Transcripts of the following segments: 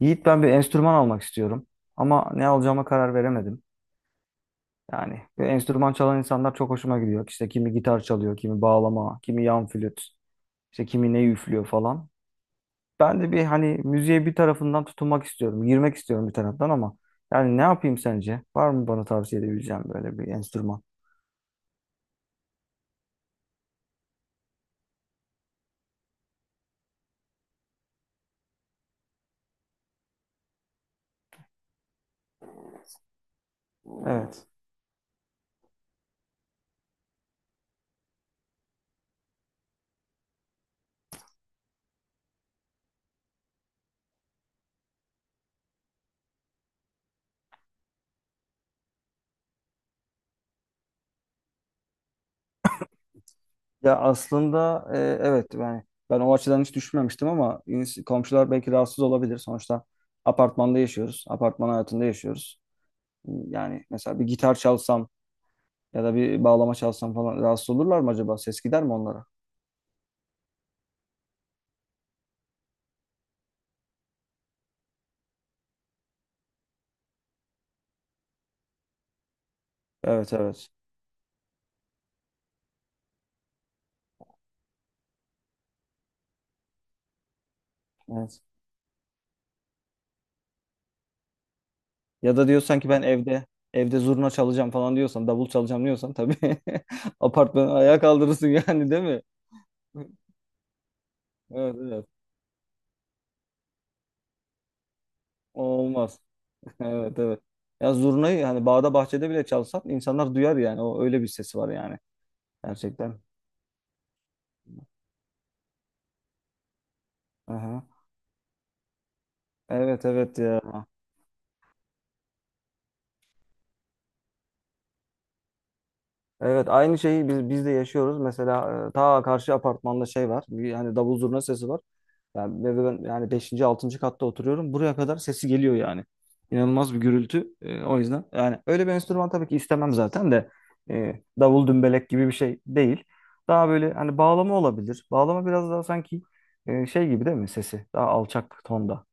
Yiğit ben bir enstrüman almak istiyorum ama ne alacağıma karar veremedim. Yani bir enstrüman çalan insanlar çok hoşuma gidiyor. İşte kimi gitar çalıyor, kimi bağlama, kimi yan flüt, işte kimi ne üflüyor falan. Ben de bir hani müziğe bir tarafından tutunmak istiyorum, girmek istiyorum bir taraftan ama yani ne yapayım sence? Var mı bana tavsiye edebileceğim böyle bir enstrüman? Evet. Ya aslında evet yani ben o açıdan hiç düşünmemiştim ama komşular belki rahatsız olabilir. Sonuçta apartmanda yaşıyoruz, apartman hayatında yaşıyoruz. Yani mesela bir gitar çalsam ya da bir bağlama çalsam falan rahatsız olurlar mı acaba? Ses gider mi onlara? Evet, evet. Evet. Ya da diyorsan ki ben evde zurna çalacağım falan diyorsan, davul çalacağım diyorsan tabii apartmanı ayağa kaldırırsın yani değil mi? Evet, evet. O olmaz. Evet, evet. Ya zurnayı hani bağda bahçede bile çalsan insanlar duyar yani. O öyle bir sesi var yani. Gerçekten. Aha. Evet, evet ya. Evet aynı şeyi biz de yaşıyoruz. Mesela ta karşı apartmanda şey var. Bir, yani davul zurna sesi var. Yani, ve ben yani beşinci 6. katta oturuyorum. Buraya kadar sesi geliyor yani. İnanılmaz bir gürültü. O yüzden yani öyle bir enstrüman tabii ki istemem zaten de davul dümbelek gibi bir şey değil. Daha böyle hani bağlama olabilir. Bağlama biraz daha sanki şey gibi değil mi sesi? Daha alçak tonda.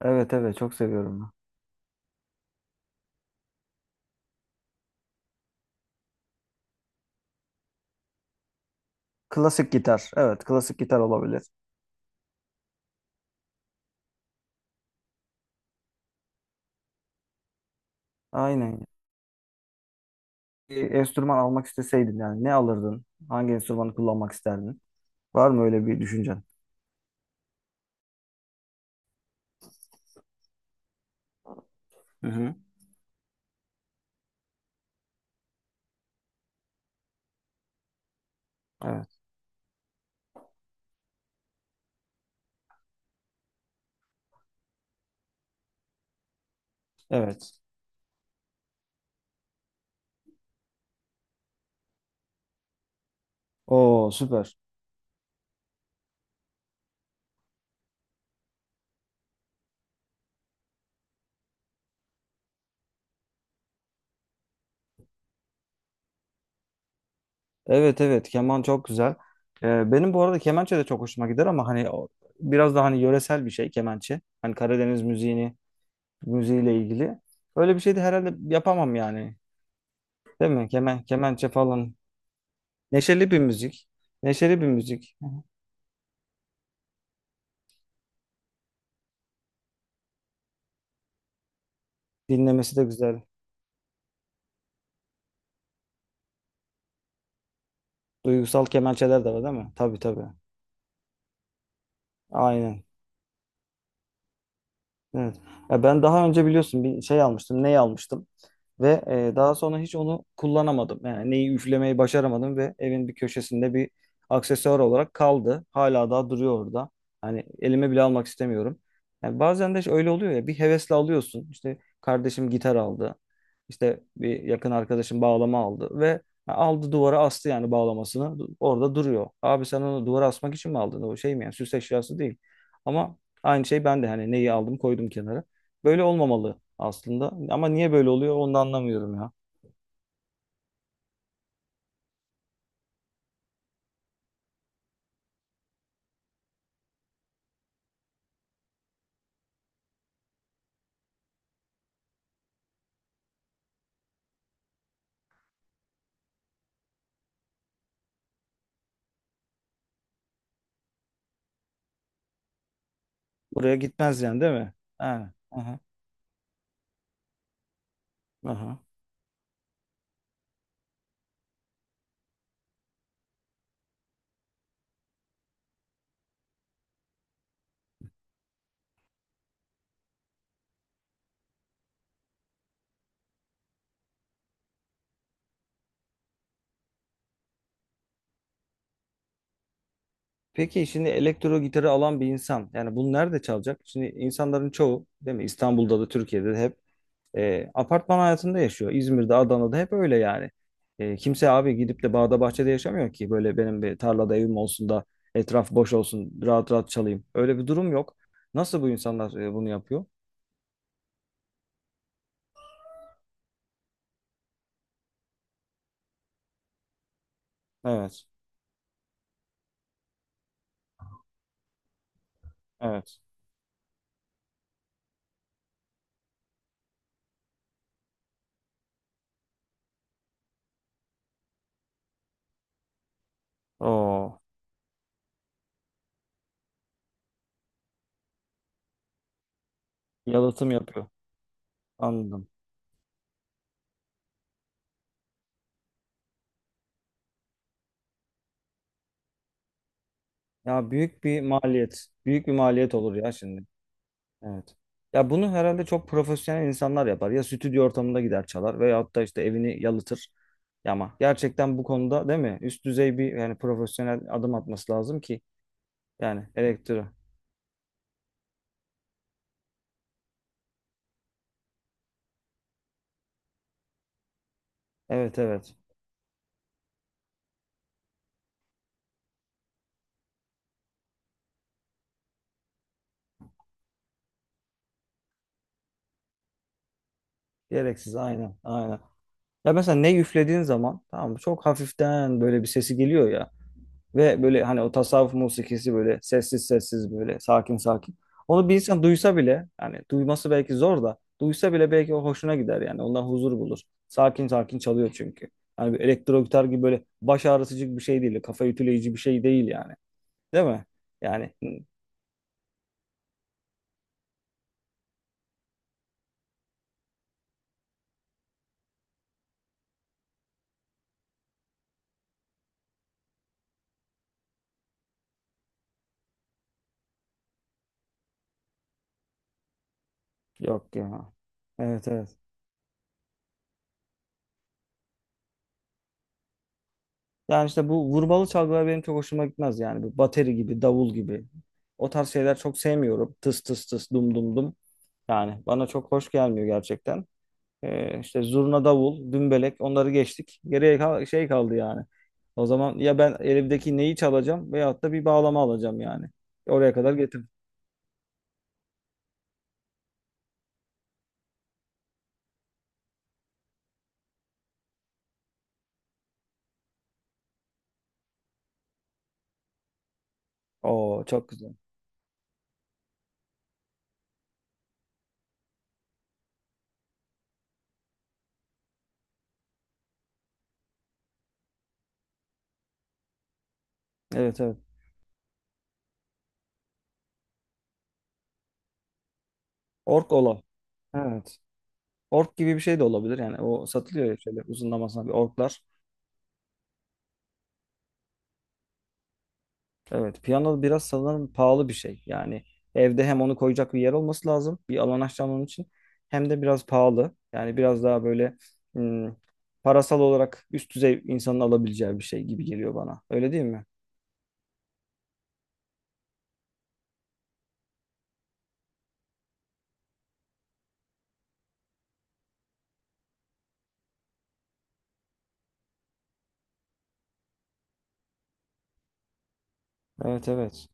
Evet, evet çok seviyorum ben. Klasik gitar. Evet klasik gitar olabilir. Aynen bir enstrüman almak isteseydin yani ne alırdın? Hangi enstrümanı kullanmak isterdin? Var mı öyle bir düşüncen? Hı hı. Evet. Evet. Oo süper. Evet, evet keman çok güzel. Benim bu arada kemençe de çok hoşuma gider ama hani biraz daha hani yöresel bir şey kemençe. Hani Karadeniz müziğiyle ilgili. Öyle bir şey de herhalde yapamam yani. Değil mi? Kemençe falan. Neşeli bir müzik. Neşeli bir müzik. Dinlemesi de güzel. Duygusal kemençeler de var değil mi? Tabii, tabii. Aynen. Evet. Ya ben daha önce biliyorsun bir şey almıştım, ney almıştım ve daha sonra hiç onu kullanamadım. Yani neyi üflemeyi başaramadım ve evin bir köşesinde bir aksesuar olarak kaldı. Hala daha duruyor orada. Hani elime bile almak istemiyorum. Yani bazen de işte öyle oluyor ya bir hevesle alıyorsun. İşte kardeşim gitar aldı. İşte bir yakın arkadaşım bağlama aldı ve aldı duvara astı yani bağlamasını. Orada duruyor. Abi sen onu duvara asmak için mi aldın? O şey mi yani süs eşyası değil. Ama aynı şey ben de hani neyi aldım koydum kenara. Böyle olmamalı aslında. Ama niye böyle oluyor onu da anlamıyorum ya. Buraya gitmez yani değil mi? Ha, aha, aha. Peki şimdi elektro gitarı alan bir insan yani bunu nerede çalacak? Şimdi insanların çoğu değil mi İstanbul'da da Türkiye'de de hep apartman hayatında yaşıyor. İzmir'de Adana'da hep öyle yani. Kimse abi gidip de bağda bahçede yaşamıyor ki böyle benim bir tarlada evim olsun da etraf boş olsun rahat rahat çalayım. Öyle bir durum yok. Nasıl bu insanlar bunu yapıyor? Evet. Evet. Oo, yalıtım yapıyor. Anladım. Ya büyük bir maliyet. Büyük bir maliyet olur ya şimdi. Evet. Ya bunu herhalde çok profesyonel insanlar yapar. Ya stüdyo ortamında gider çalar veyahut da işte evini yalıtır. Ya ama gerçekten bu konuda değil mi? Üst düzey bir yani profesyonel adım atması lazım ki yani elektro. Evet, evet. Gereksiz aynen, aynen. Ya mesela ne üflediğin zaman tamam mı? Çok hafiften böyle bir sesi geliyor ya. Ve böyle hani o tasavvuf musikisi böyle sessiz sessiz böyle sakin sakin. Onu bir insan duysa bile yani duyması belki zor da duysa bile belki o hoşuna gider yani ondan huzur bulur. Sakin sakin çalıyor çünkü. Yani bir elektro gitar gibi böyle baş ağrıtıcı bir şey değil. Kafa ütüleyici bir şey değil yani. Değil mi? Yani hı, yok ya. Evet, evet. Yani işte bu vurmalı çalgılar benim çok hoşuma gitmez yani. Bu bateri gibi, davul gibi. O tarz şeyler çok sevmiyorum. Tıs tıs tıs dum dum dum. Yani bana çok hoş gelmiyor gerçekten. İşte zurna davul, dümbelek onları geçtik. Geriye şey kaldı yani. O zaman ya ben elimdeki neyi çalacağım veyahut da bir bağlama alacağım yani. Oraya kadar getir. Oo çok güzel. Evet, evet. Ork ola. Evet. Ork gibi bir şey de olabilir yani. O satılıyor ya şöyle uzunlamasına bir orklar. Evet, piyano biraz sanırım pahalı bir şey. Yani evde hem onu koyacak bir yer olması lazım, bir alan açacağım onun için. Hem de biraz pahalı. Yani biraz daha böyle hmm, parasal olarak üst düzey insanın alabileceği bir şey gibi geliyor bana. Öyle değil mi? Evet, evet.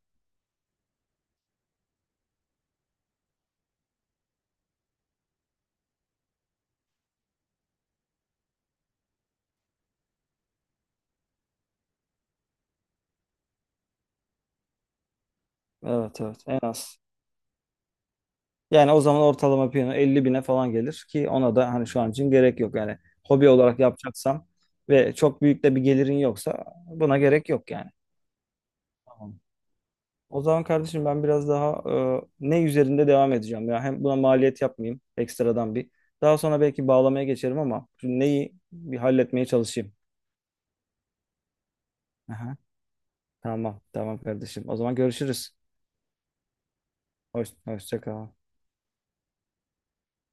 Evet, evet. En az. Yani o zaman ortalama piyano 50 bine falan gelir ki ona da hani şu an için gerek yok. Yani hobi olarak yapacaksam ve çok büyük de bir gelirin yoksa buna gerek yok yani. Tamam. O zaman kardeşim ben biraz daha ne üzerinde devam edeceğim ya hem buna maliyet yapmayayım ekstradan bir. Daha sonra belki bağlamaya geçerim ama şu neyi bir halletmeye çalışayım. Aha, tamam, tamam kardeşim. O zaman görüşürüz. Hoş, hoşça kal.